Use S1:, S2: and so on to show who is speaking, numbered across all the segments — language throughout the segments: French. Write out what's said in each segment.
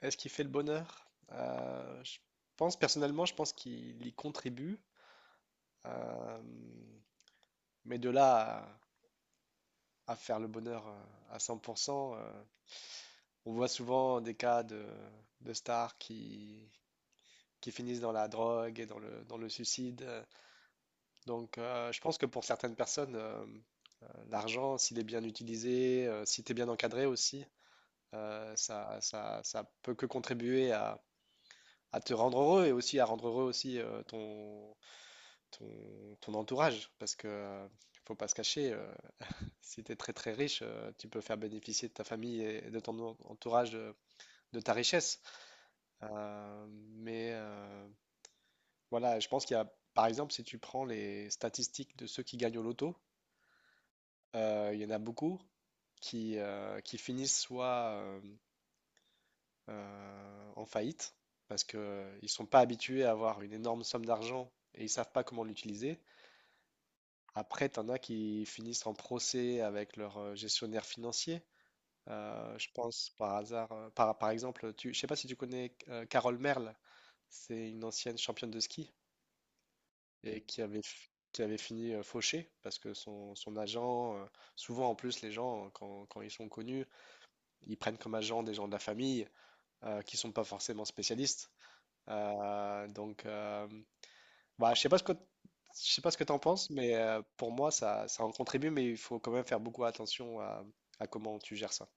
S1: Est-ce qu'il fait le bonheur? Je pense, personnellement, je pense qu'il y contribue. euh, mais de là à faire le bonheur à 100%, on voit souvent des cas de stars qui finissent dans la drogue et dans le suicide. Donc, je pense que pour certaines personnes, l'argent, s'il est bien utilisé, si tu es bien encadré aussi, ça peut que contribuer à te rendre heureux et aussi à rendre heureux aussi ton entourage, parce que faut pas se cacher, si tu es très très riche, tu peux faire bénéficier de ta famille et de ton entourage de ta richesse. Euh, mais euh, voilà, je pense qu'il y a, par exemple, si tu prends les statistiques de ceux qui gagnent au loto. Il y en a beaucoup qui finissent soit en faillite, parce qu'ils ne sont pas habitués à avoir une énorme somme d'argent et ils savent pas comment l'utiliser. Après, t'en as qui finissent en procès avec leur gestionnaire financier. Je pense par hasard, par exemple, je sais pas si tu connais Carole Merle, c'est une ancienne championne de ski et qui avait fini fauchée parce que son agent, souvent en plus les gens, quand ils sont connus, ils prennent comme agent des gens de la famille qui sont pas forcément spécialistes. Euh, donc, euh, Bah, je sais pas ce que t'en penses, mais pour moi, ça en contribue, mais il faut quand même faire beaucoup attention à comment tu gères ça.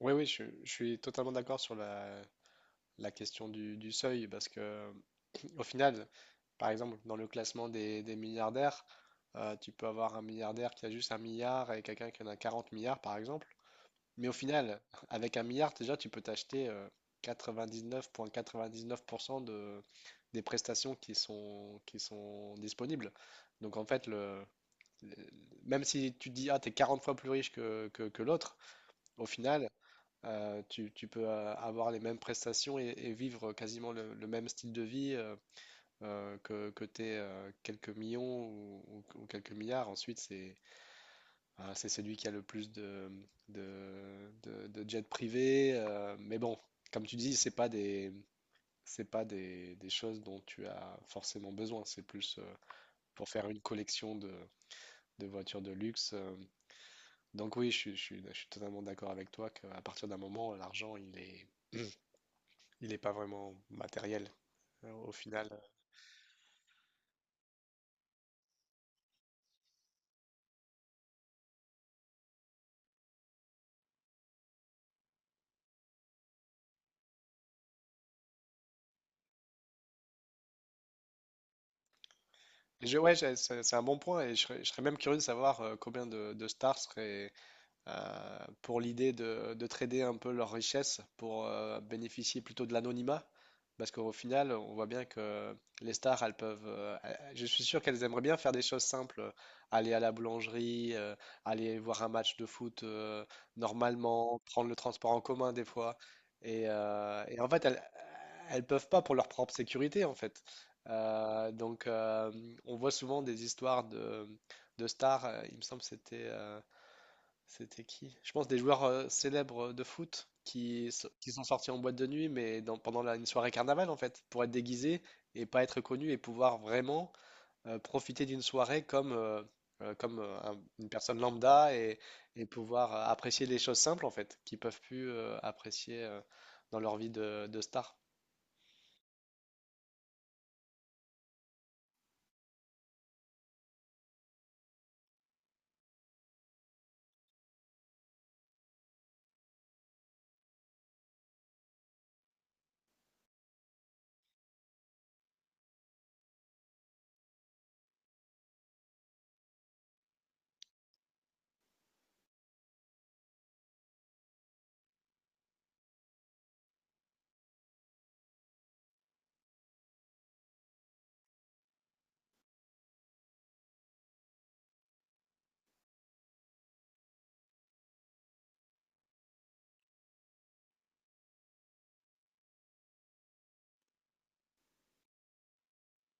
S1: Oui, oui, je suis totalement d'accord sur la question du seuil, parce que au final, par exemple, dans le classement des milliardaires, tu peux avoir un milliardaire qui a juste un milliard et quelqu'un qui en a 40 milliards, par exemple. Mais au final, avec un milliard, déjà, tu peux t'acheter 99,99% des prestations qui sont disponibles. Donc en fait, le- même si tu te dis, ah, t'es 40 fois plus riche que l'autre, au final, tu peux avoir les mêmes prestations et vivre quasiment le même style de vie que t'aies quelques millions ou quelques milliards. Ensuite, c'est celui qui a le plus de jets privés. Mais bon, comme tu dis, c'est pas des choses dont tu as forcément besoin. C'est plus pour faire une collection de voitures de luxe. Donc oui, je suis totalement d'accord avec toi qu'à partir d'un moment, l'argent, il est pas vraiment matériel au final. Et ouais, c'est un bon point et je serais même curieux de savoir combien de stars seraient, pour l'idée de trader un peu leur richesse pour bénéficier plutôt de l'anonymat. Parce qu'au final, on voit bien que les stars, elles peuvent. Je suis sûr qu'elles aimeraient bien faire des choses simples, aller à la boulangerie, aller voir un match de foot normalement, prendre le transport en commun des fois. Et en fait, elles peuvent pas pour leur propre sécurité, en fait. Euh, donc, euh, on voit souvent des histoires de stars. Il me semble que c'était qui? Je pense des joueurs célèbres de foot qui sont sortis en boîte de nuit, mais pendant une soirée carnaval en fait, pour être déguisés et pas être connus et pouvoir vraiment profiter d'une soirée comme une personne lambda et pouvoir apprécier les choses simples en fait, qu'ils peuvent plus apprécier dans leur vie de star.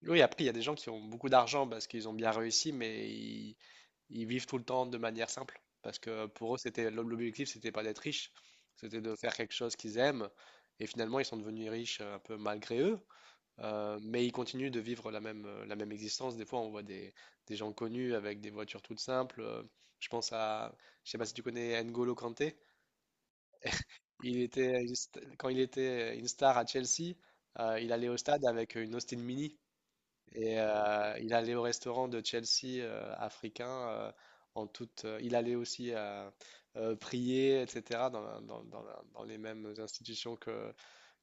S1: Oui, après, il y a des gens qui ont beaucoup d'argent parce qu'ils ont bien réussi, mais ils vivent tout le temps de manière simple. Parce que pour eux, c'était l'objectif, c'était pas d'être riche, c'était de faire quelque chose qu'ils aiment. Et finalement, ils sont devenus riches un peu malgré eux, mais ils continuent de vivre la même existence. Des fois, on voit des gens connus avec des voitures toutes simples. Je pense je sais pas si tu connais N'Golo Kanté. Il était, une st- Quand il était une star à Chelsea, il allait au stade avec une Austin Mini. Et il allait au restaurant de Chelsea africain en toute. Il allait aussi prier, etc. Dans les mêmes institutions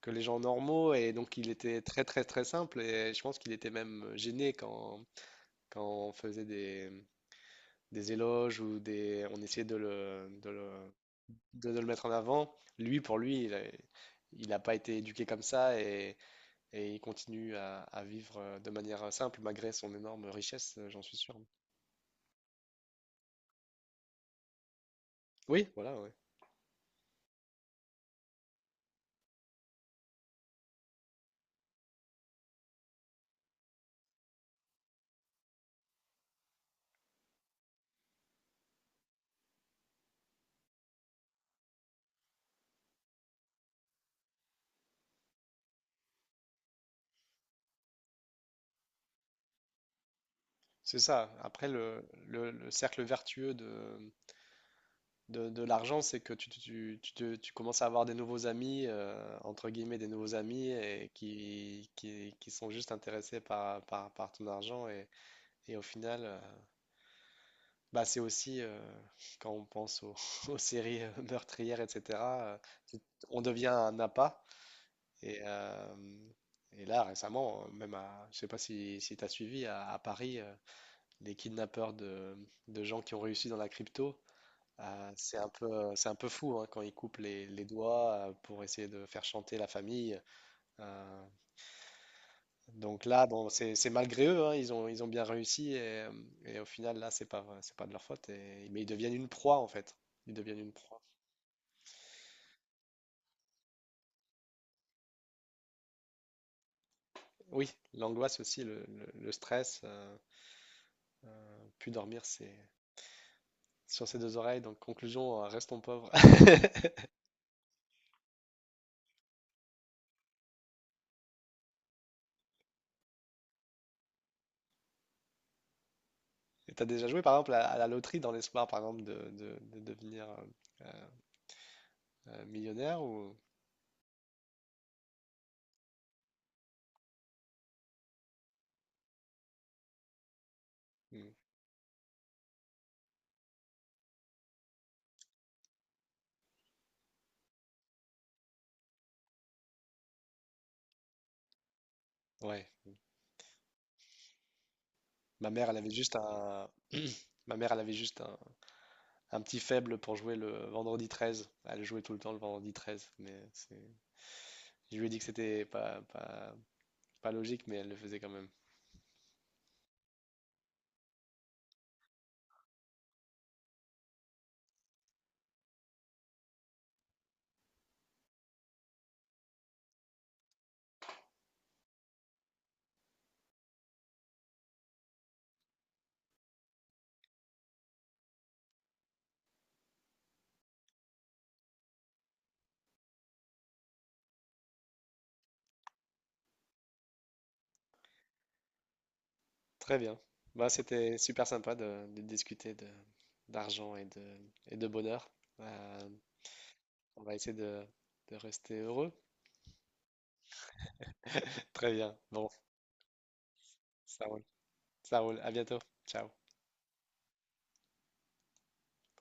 S1: que les gens normaux. Et donc il était très très très simple. Et je pense qu'il était même gêné quand on faisait des éloges on essayait de le mettre en avant. Lui, pour lui, il n'a pas été éduqué comme ça et il continue à vivre de manière simple malgré son énorme richesse, j'en suis sûr. Oui, voilà, ouais. C'est ça. Après, le cercle vertueux de l'argent, c'est que tu commences à avoir des nouveaux amis, entre guillemets, des nouveaux amis et qui sont juste intéressés par ton argent. Et au final, bah, c'est aussi, quand on pense aux séries meurtrières, etc., tu- on devient un appât. Et, euh, et là, récemment, je sais pas si tu as suivi, à Paris, les kidnappeurs de gens qui ont réussi dans la crypto, c'est un peu fou hein, quand ils coupent les doigts pour essayer de faire chanter la famille. Euh, donc là, bon, c'est malgré eux, hein, ils ont bien réussi et au final, là, c'est pas de leur faute. Mais ils deviennent une proie en fait. Ils deviennent une proie. Oui, l'angoisse aussi, le stress, plus dormir, sur ses deux oreilles. Donc, conclusion, restons pauvres. Et t'as déjà joué, par exemple, à la loterie dans l'espoir, par exemple, de devenir euh, millionnaire ou... ou- Ouais. Ma mère, elle avait juste un... Ma mère, elle avait juste un petit faible pour jouer le vendredi 13. Elle jouait tout le temps le vendredi 13. Je lui ai dit que c'était pas logique, mais elle le faisait quand même. Très bien. Bah, c'était super sympa de discuter d'argent et de bonheur. Euh, on va essayer de rester heureux. Très bien. Bon, ça roule. Ça roule. À bientôt. Ciao.